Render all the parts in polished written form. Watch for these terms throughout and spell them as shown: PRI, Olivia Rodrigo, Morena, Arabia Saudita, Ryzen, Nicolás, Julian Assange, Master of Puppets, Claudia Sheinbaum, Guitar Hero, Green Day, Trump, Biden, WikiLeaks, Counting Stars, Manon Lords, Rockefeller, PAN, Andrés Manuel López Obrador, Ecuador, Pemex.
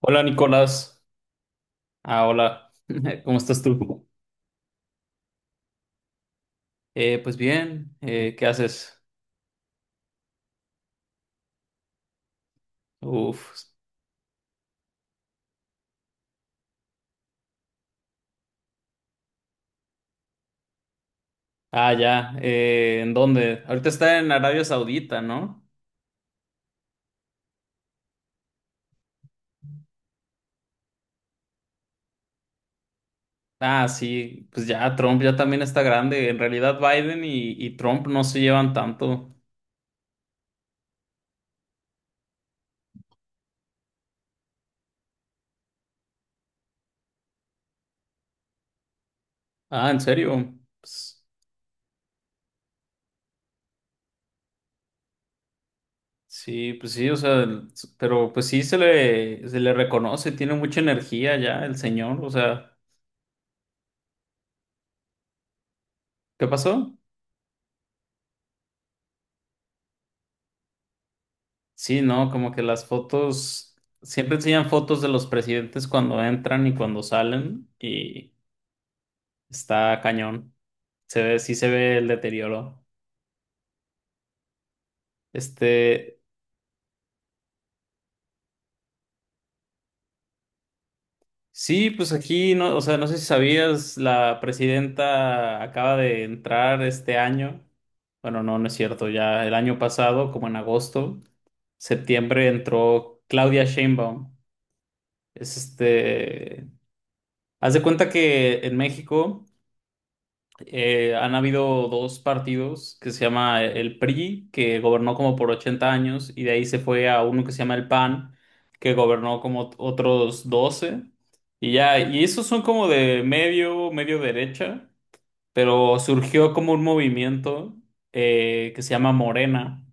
Hola Nicolás, hola, ¿cómo estás tú? Pues bien, ¿qué haces? Uf, ya, ¿en dónde? Ahorita está en Arabia Saudita, ¿no? Ah, sí, pues ya Trump ya también está grande, en realidad Biden y Trump no se llevan tanto. Ah, ¿en serio? Pues, sí, pues sí, o sea, pero pues sí se le reconoce, tiene mucha energía ya el señor, o sea, ¿qué pasó? Sí, ¿no? Como que las fotos, siempre enseñan fotos de los presidentes cuando entran y cuando salen y está cañón. Se ve, sí se ve el deterioro. Este, sí, pues aquí, no, o sea, no sé si sabías, la presidenta acaba de entrar este año. Bueno, no, no es cierto, ya el año pasado, como en agosto, septiembre, entró Claudia Sheinbaum. Es este, haz de cuenta que en México... han habido dos partidos que se llama el PRI, que gobernó como por 80 años, y de ahí se fue a uno que se llama el PAN, que gobernó como otros 12. Y ya, y esos son como de medio, medio derecha, pero surgió como un movimiento que se llama Morena,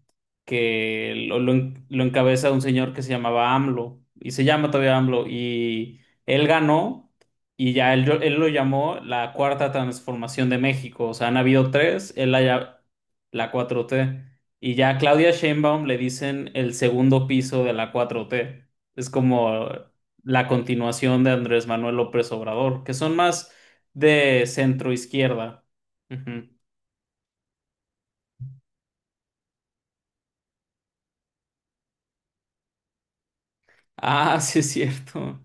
que lo encabeza un señor que se llamaba AMLO, y se llama todavía AMLO, y él ganó, y ya él lo llamó la cuarta transformación de México, o sea, han habido tres, la cuatro t, y ya a Claudia Sheinbaum le dicen el segundo piso de la cuatro t. Es como... la continuación de Andrés Manuel López Obrador, que son más de centro izquierda. Ujú. Ah, sí es cierto.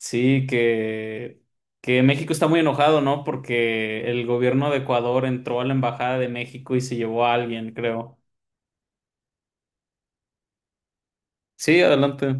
Sí, que México está muy enojado, ¿no? Porque el gobierno de Ecuador entró a la Embajada de México y se llevó a alguien, creo. Sí, adelante.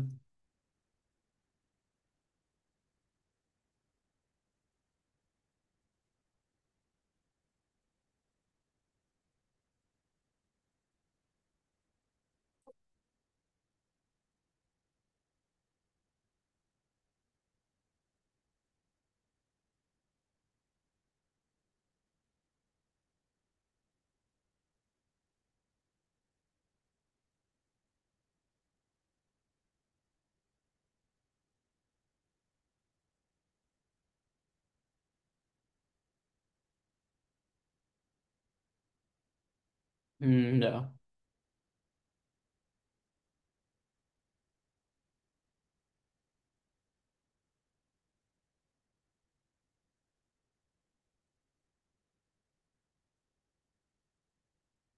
Mm, ya,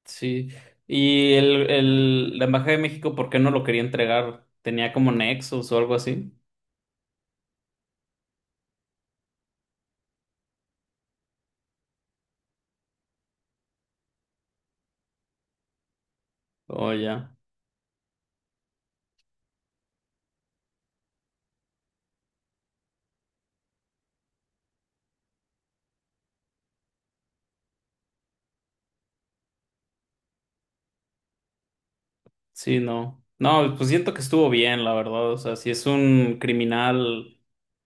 sí. Y la Embajada de México, ¿por qué no lo quería entregar? ¿Tenía como nexos o algo así? Oh, ya. Sí, no. No, pues siento que estuvo bien, la verdad. O sea, si es un criminal,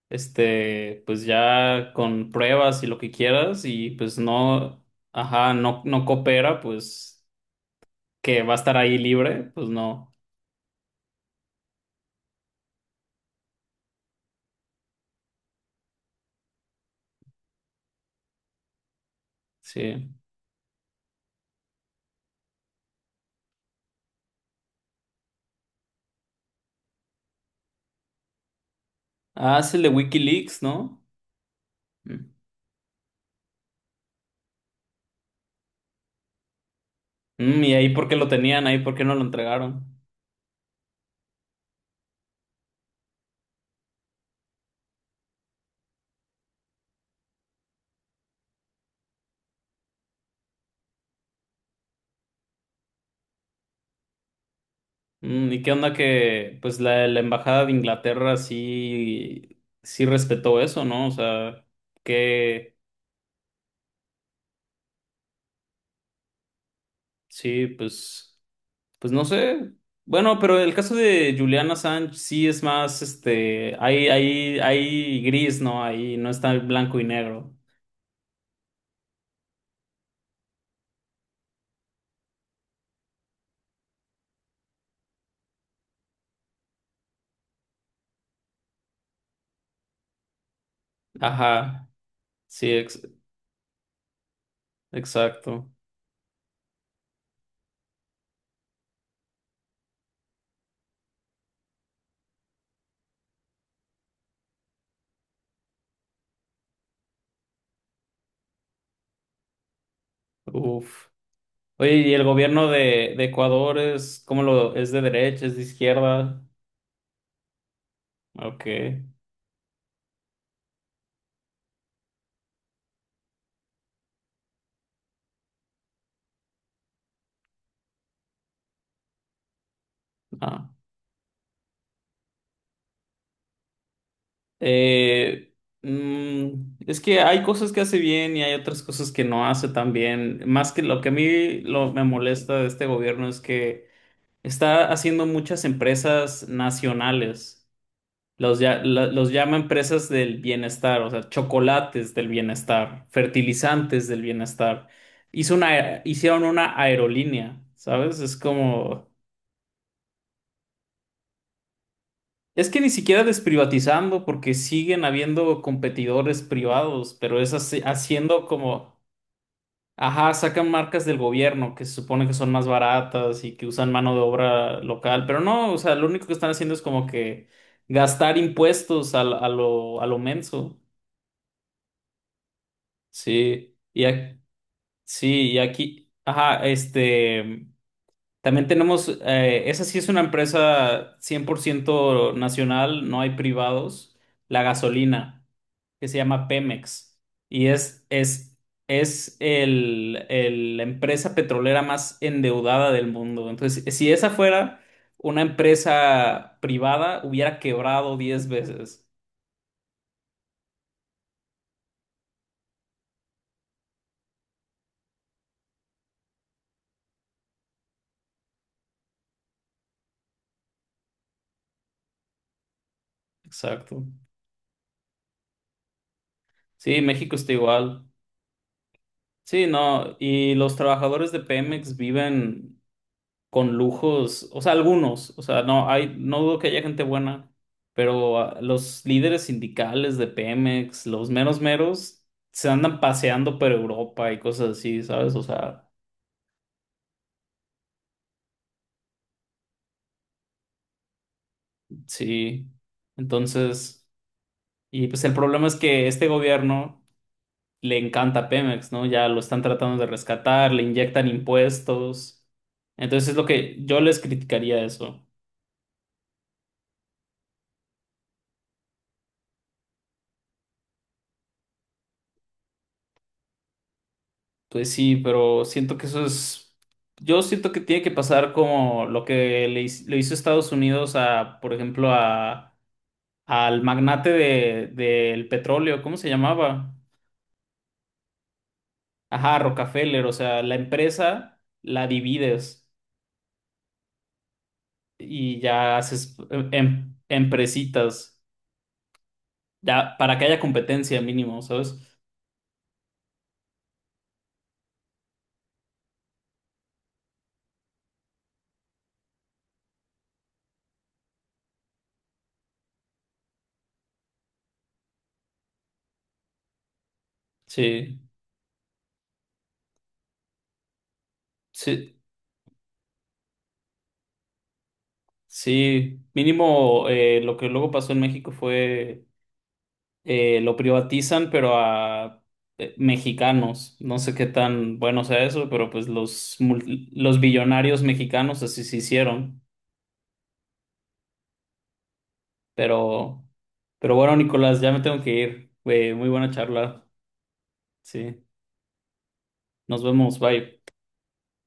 este, pues ya con pruebas y lo que quieras, y pues no, ajá, no, no coopera, pues que va a estar ahí libre, pues no. Sí. Ah, es el de WikiLeaks, ¿no? Mm. Mm, ¿y ahí por qué lo tenían? ¿Ahí por qué no lo entregaron? Mm, ¿y qué onda que, pues la embajada de Inglaterra sí, sí respetó eso, ¿no? O sea, que sí, pues. Pues no sé. Bueno, pero el caso de Julian Assange sí es más, este, hay gris, ¿no? Ahí no está el blanco y negro. Ajá, sí, exacto. Uf. Oye, ¿y el gobierno de Ecuador es, cómo lo, es de derecha, es de izquierda? Ok, ah. Eh, mm, es que hay cosas que hace bien y hay otras cosas que no hace tan bien. Más que lo que a mí lo, me molesta de este gobierno es que está haciendo muchas empresas nacionales. Los los llama empresas del bienestar, o sea, chocolates del bienestar, fertilizantes del bienestar. Hicieron una aerolínea, ¿sabes? Es como... Es que ni siquiera desprivatizando porque siguen habiendo competidores privados, pero es haciendo como... Ajá, sacan marcas del gobierno que se supone que son más baratas y que usan mano de obra local, pero no, o sea, lo único que están haciendo es como que gastar impuestos a lo menso. Sí, y ac- sí, y aquí, ajá, este. También tenemos, esa sí es una empresa 100 por ciento nacional, no hay privados, la gasolina, que se llama Pemex, y es la empresa petrolera más endeudada del mundo. Entonces, si esa fuera una empresa privada, hubiera quebrado 10 veces. Exacto. Sí, México está igual. Sí, no, y los trabajadores de Pemex viven con lujos, o sea, algunos, o sea, no hay, no dudo que haya gente buena, pero los líderes sindicales de Pemex, los meros meros, se andan paseando por Europa y cosas así, ¿sabes? O sea, sí. Entonces, y pues el problema es que este gobierno le encanta Pemex, ¿no? Ya lo están tratando de rescatar, le inyectan impuestos. Entonces es lo que yo les criticaría eso. Pues sí, pero siento que eso es, yo siento que tiene que pasar como lo que le, le hizo Estados Unidos a, por ejemplo, a, al magnate del petróleo, ¿cómo se llamaba? Ajá, Rockefeller, o sea, la empresa la divides y ya haces empresitas, ya para que haya competencia mínimo, ¿sabes? Sí, sí, sí, mínimo lo que luego pasó en México fue lo privatizan, pero a mexicanos. No sé qué tan bueno sea eso, pero pues los billonarios mexicanos así se hicieron. Pero, pero bueno, Nicolás, ya me tengo que ir. Muy buena charla. Sí, nos vemos, bye.